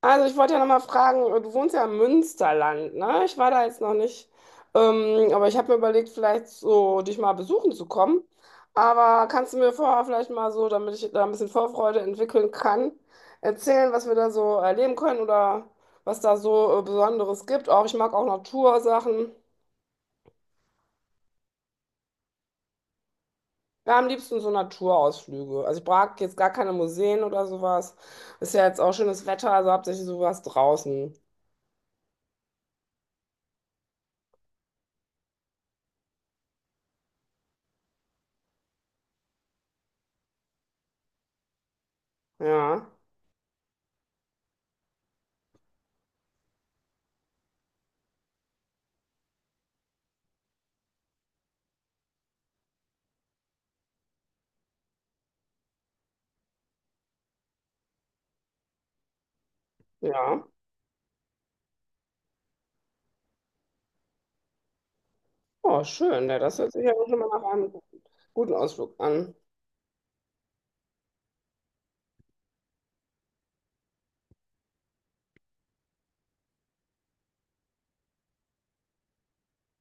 Also ich wollte ja nochmal fragen, du wohnst ja im Münsterland, ne? Ich war da jetzt noch nicht, aber ich habe mir überlegt, vielleicht so dich mal besuchen zu kommen. Aber kannst du mir vorher vielleicht mal so, damit ich da ein bisschen Vorfreude entwickeln kann, erzählen, was wir da so erleben können oder was da so Besonderes gibt? Auch ich mag auch Natursachen. Ja, am liebsten so Naturausflüge. Also ich mag jetzt gar keine Museen oder sowas. Ist ja jetzt auch schönes Wetter, also hauptsächlich sowas draußen. Ja, ja. Oh, schön. Ja, das hört sich ja schon mal nach einem guten Ausflug an.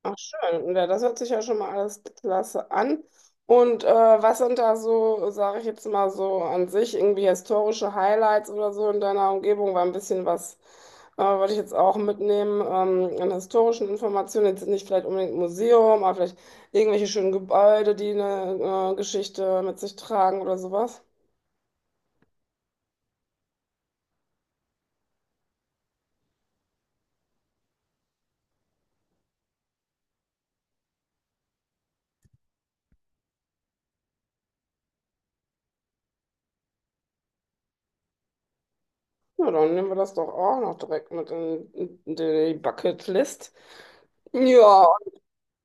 Ach, schön. Ja, das hört sich ja schon mal alles klasse an. Und was sind da so, sage ich jetzt mal so an sich, irgendwie historische Highlights oder so in deiner Umgebung? War ein bisschen was, wollte ich jetzt auch mitnehmen, an historischen Informationen. Jetzt nicht vielleicht unbedingt ein Museum, aber vielleicht irgendwelche schönen Gebäude, die eine Geschichte mit sich tragen oder sowas. Ja, dann nehmen wir das doch auch noch direkt mit in die Bucketlist. Ja,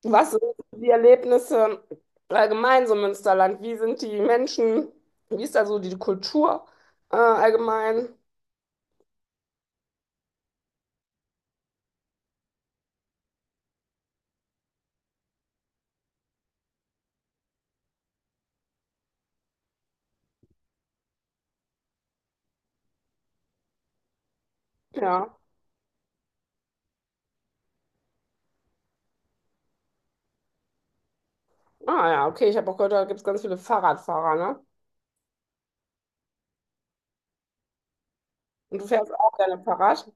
was sind die Erlebnisse allgemein so im Münsterland? Wie sind die Menschen? Wie ist da so die Kultur allgemein? Ja. Ah ja, okay, ich habe auch gehört, da gibt es ganz viele Fahrradfahrer, ne? Und du fährst auch gerne Fahrrad?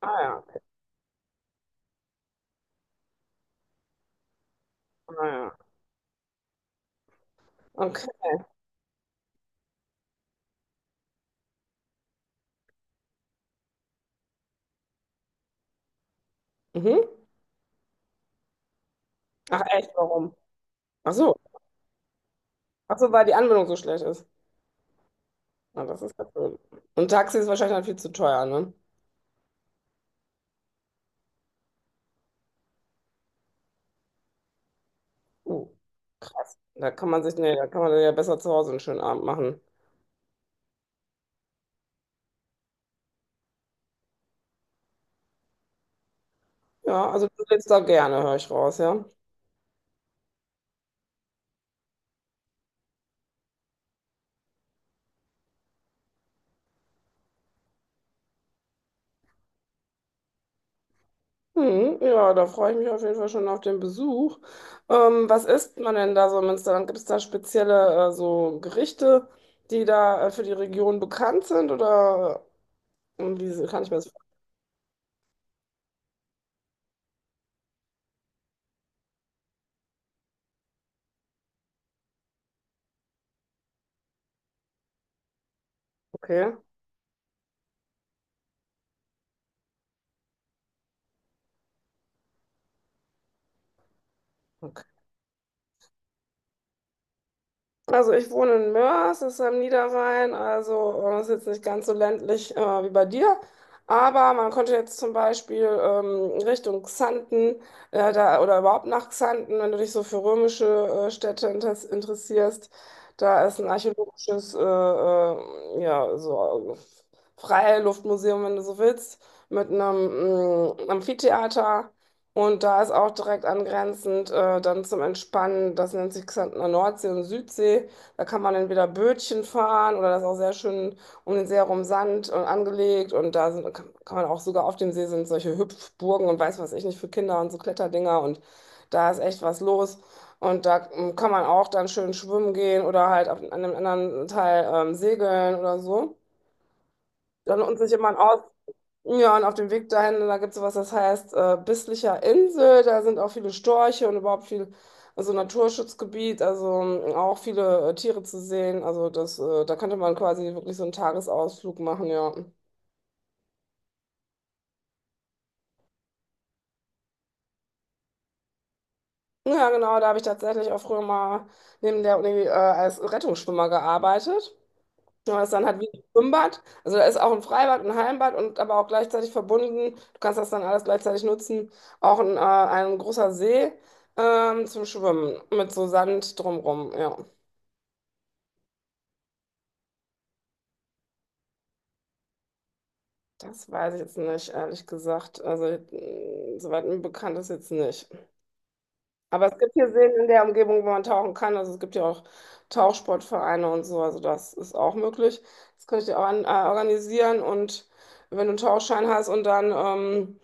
Ah ja, ah ja. Okay. Mhm. Ach echt, warum? Ach so. Ach so, weil die Anbindung so schlecht ist. Na, das ist ja blöd. Und Taxi ist wahrscheinlich dann viel zu teuer, ne? Oh, krass. Da kann man sich, nee, da kann man ja besser zu Hause einen schönen Abend machen. Ja, also du lebst da gerne, höre ich raus, ja. Hm, ja, da freue ich mich auf jeden Fall schon auf den Besuch. Was isst man denn da so im Münsterland? Gibt es da spezielle so Gerichte, die da für die Region bekannt sind? Oder wie kann ich mir das vorstellen? Okay. Also ich wohne in Moers, das ist am Niederrhein, also ist jetzt nicht ganz so ländlich wie bei dir. Aber man konnte jetzt zum Beispiel Richtung Xanten oder überhaupt nach Xanten, wenn du dich so für römische Städte interessierst, da ist ein archäologisches Freiluftmuseum, wenn du so willst, mit einem Amphitheater. Und da ist auch direkt angrenzend dann zum Entspannen, das nennt sich Xantener Nordsee und Südsee. Da kann man entweder Bötchen fahren oder das ist auch sehr schön um den See herum Sand und angelegt. Und da sind, kann man auch sogar auf dem See sind solche Hüpfburgen und weiß was ich nicht für Kinder und so Kletterdinger. Und da ist echt was los. Und da kann man auch dann schön schwimmen gehen oder halt auf, an einem anderen Teil segeln oder so. Dann lohnt sich immer ein ja, und auf dem Weg dahin, da gibt es was, das heißt Bisslicher Insel. Da sind auch viele Storche und überhaupt viel, also Naturschutzgebiet, also auch viele Tiere zu sehen. Also das, da könnte man quasi wirklich so einen Tagesausflug machen, ja. Ja, genau, da habe ich tatsächlich auch früher mal neben der Uni als Rettungsschwimmer gearbeitet. Ja, das ist dann halt wie ein Schwimmbad. Also da ist auch ein Freibad, ein Heimbad und aber auch gleichzeitig verbunden. Du kannst das dann alles gleichzeitig nutzen. Auch ein großer See zum Schwimmen mit so Sand drumrum. Ja, das weiß ich jetzt nicht, ehrlich gesagt. Also soweit mir bekannt ist jetzt nicht. Aber es gibt hier Seen in der Umgebung, wo man tauchen kann. Also es gibt ja auch Tauchsportvereine und so. Also das ist auch möglich. Das könnte ich dir auch organisieren und wenn du einen Tauchschein hast und dann...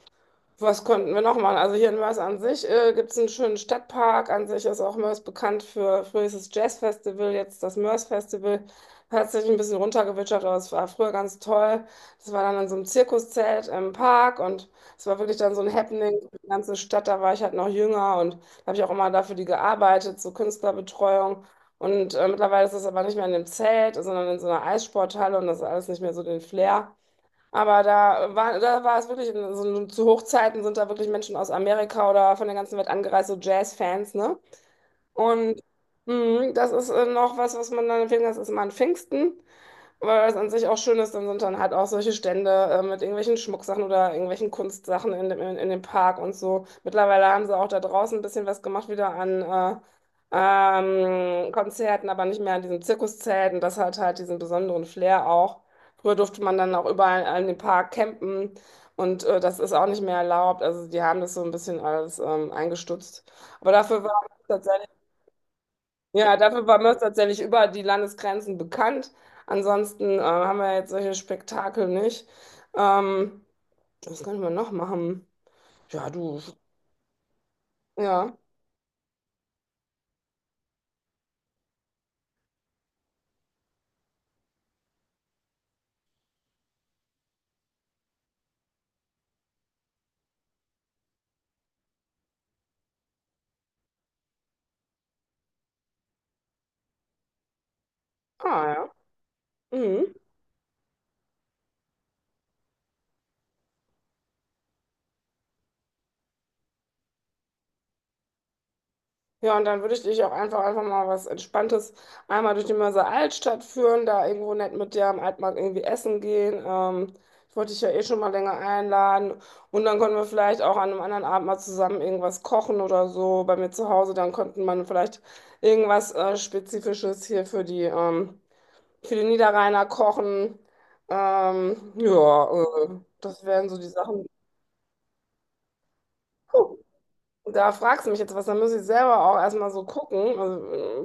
was konnten wir noch machen? Also hier in Mörs an sich gibt es einen schönen Stadtpark. An sich ist auch Mörs bekannt für früher hieß es Jazz Festival, jetzt das Mörs Festival. Hat sich ein bisschen runtergewitschert, aber es war früher ganz toll. Das war dann in so einem Zirkuszelt im Park und es war wirklich dann so ein Happening für die ganze Stadt. Da war ich halt noch jünger und da habe ich auch immer dafür die gearbeitet, so Künstlerbetreuung. Und mittlerweile ist das aber nicht mehr in dem Zelt, sondern in so einer Eissporthalle und das ist alles nicht mehr so den Flair. Aber da war es wirklich, in, so, zu Hochzeiten sind da wirklich Menschen aus Amerika oder von der ganzen Welt angereist, so Jazz-Fans, ne? Und das ist noch was, was man dann empfehlen kann, das ist immer an Pfingsten. Weil was an sich auch schön ist, dann sind dann halt auch solche Stände mit irgendwelchen Schmucksachen oder irgendwelchen Kunstsachen in dem Park und so. Mittlerweile haben sie auch da draußen ein bisschen was gemacht, wieder an Konzerten, aber nicht mehr an diesem Zirkuszelt. Und das hat halt diesen besonderen Flair auch. Früher durfte man dann auch überall in dem Park campen und das ist auch nicht mehr erlaubt. Also die haben das so ein bisschen alles eingestutzt. Aber dafür war ja, dafür war Mörs tatsächlich über die Landesgrenzen bekannt. Ansonsten haben wir jetzt solche Spektakel nicht. Ähm, was können wir noch machen? Ja, du. Ja. Ah, ja. Mhm. Ja, und dann würde ich dich auch einfach mal was Entspanntes einmal durch die Mörser Altstadt führen, da irgendwo nett mit dir am Altmarkt irgendwie essen gehen. Ich wollte dich ja eh schon mal länger einladen. Und dann können wir vielleicht auch an einem anderen Abend mal zusammen irgendwas kochen oder so bei mir zu Hause. Dann könnten man vielleicht irgendwas Spezifisches hier für die Niederrheiner kochen. Ähm, ja, äh, das wären so die Sachen. Puh. Da fragst du mich jetzt was, da muss ich selber auch erstmal so gucken. Äh,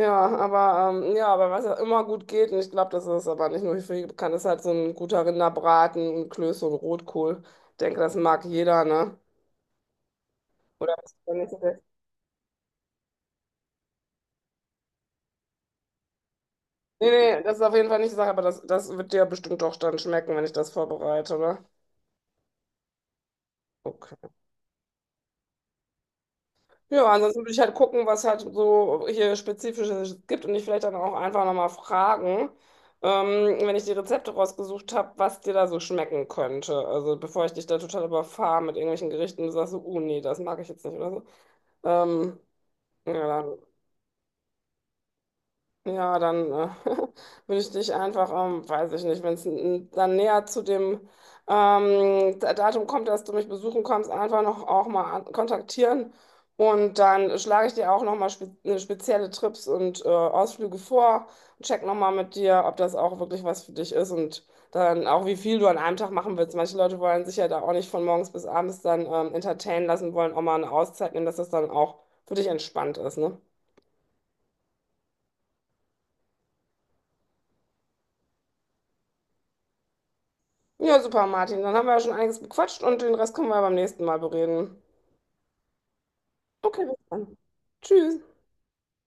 Ja, aber aber was ja immer gut geht, und ich glaube, das ist aber nicht nur für die bekannt, ist halt so ein guter Rinderbraten, und Klöße und Rotkohl. Ich denke, das mag jeder, ne? Oder ist ja nicht so der- Nee, nee, das ist auf jeden Fall nicht die Sache, aber das wird dir bestimmt doch dann schmecken, wenn ich das vorbereite, oder? Okay. Ja, ansonsten würde ich halt gucken, was halt so hier Spezifisches gibt und dich vielleicht dann auch einfach nochmal fragen, wenn ich die Rezepte rausgesucht habe, was dir da so schmecken könnte. Also bevor ich dich da total überfahre mit irgendwelchen Gerichten, du sagst so, oh nee, das mag ich jetzt nicht oder so. Ähm, ja, ja, dann würde ich dich einfach, weiß ich nicht, wenn es dann näher zu dem Datum kommt, dass du mich besuchen kommst, einfach noch auch mal kontaktieren. Und dann schlage ich dir auch noch mal spezielle Trips und Ausflüge vor und check noch mal mit dir, ob das auch wirklich was für dich ist und dann auch, wie viel du an einem Tag machen willst. Manche Leute wollen sich ja da auch nicht von morgens bis abends dann entertainen lassen, wollen auch mal eine Auszeit nehmen, dass das dann auch für dich entspannt ist, ne? Ja, super, Martin. Dann haben wir ja schon einiges bequatscht und den Rest können wir beim nächsten Mal bereden. Okay, bis dann. Tschüss.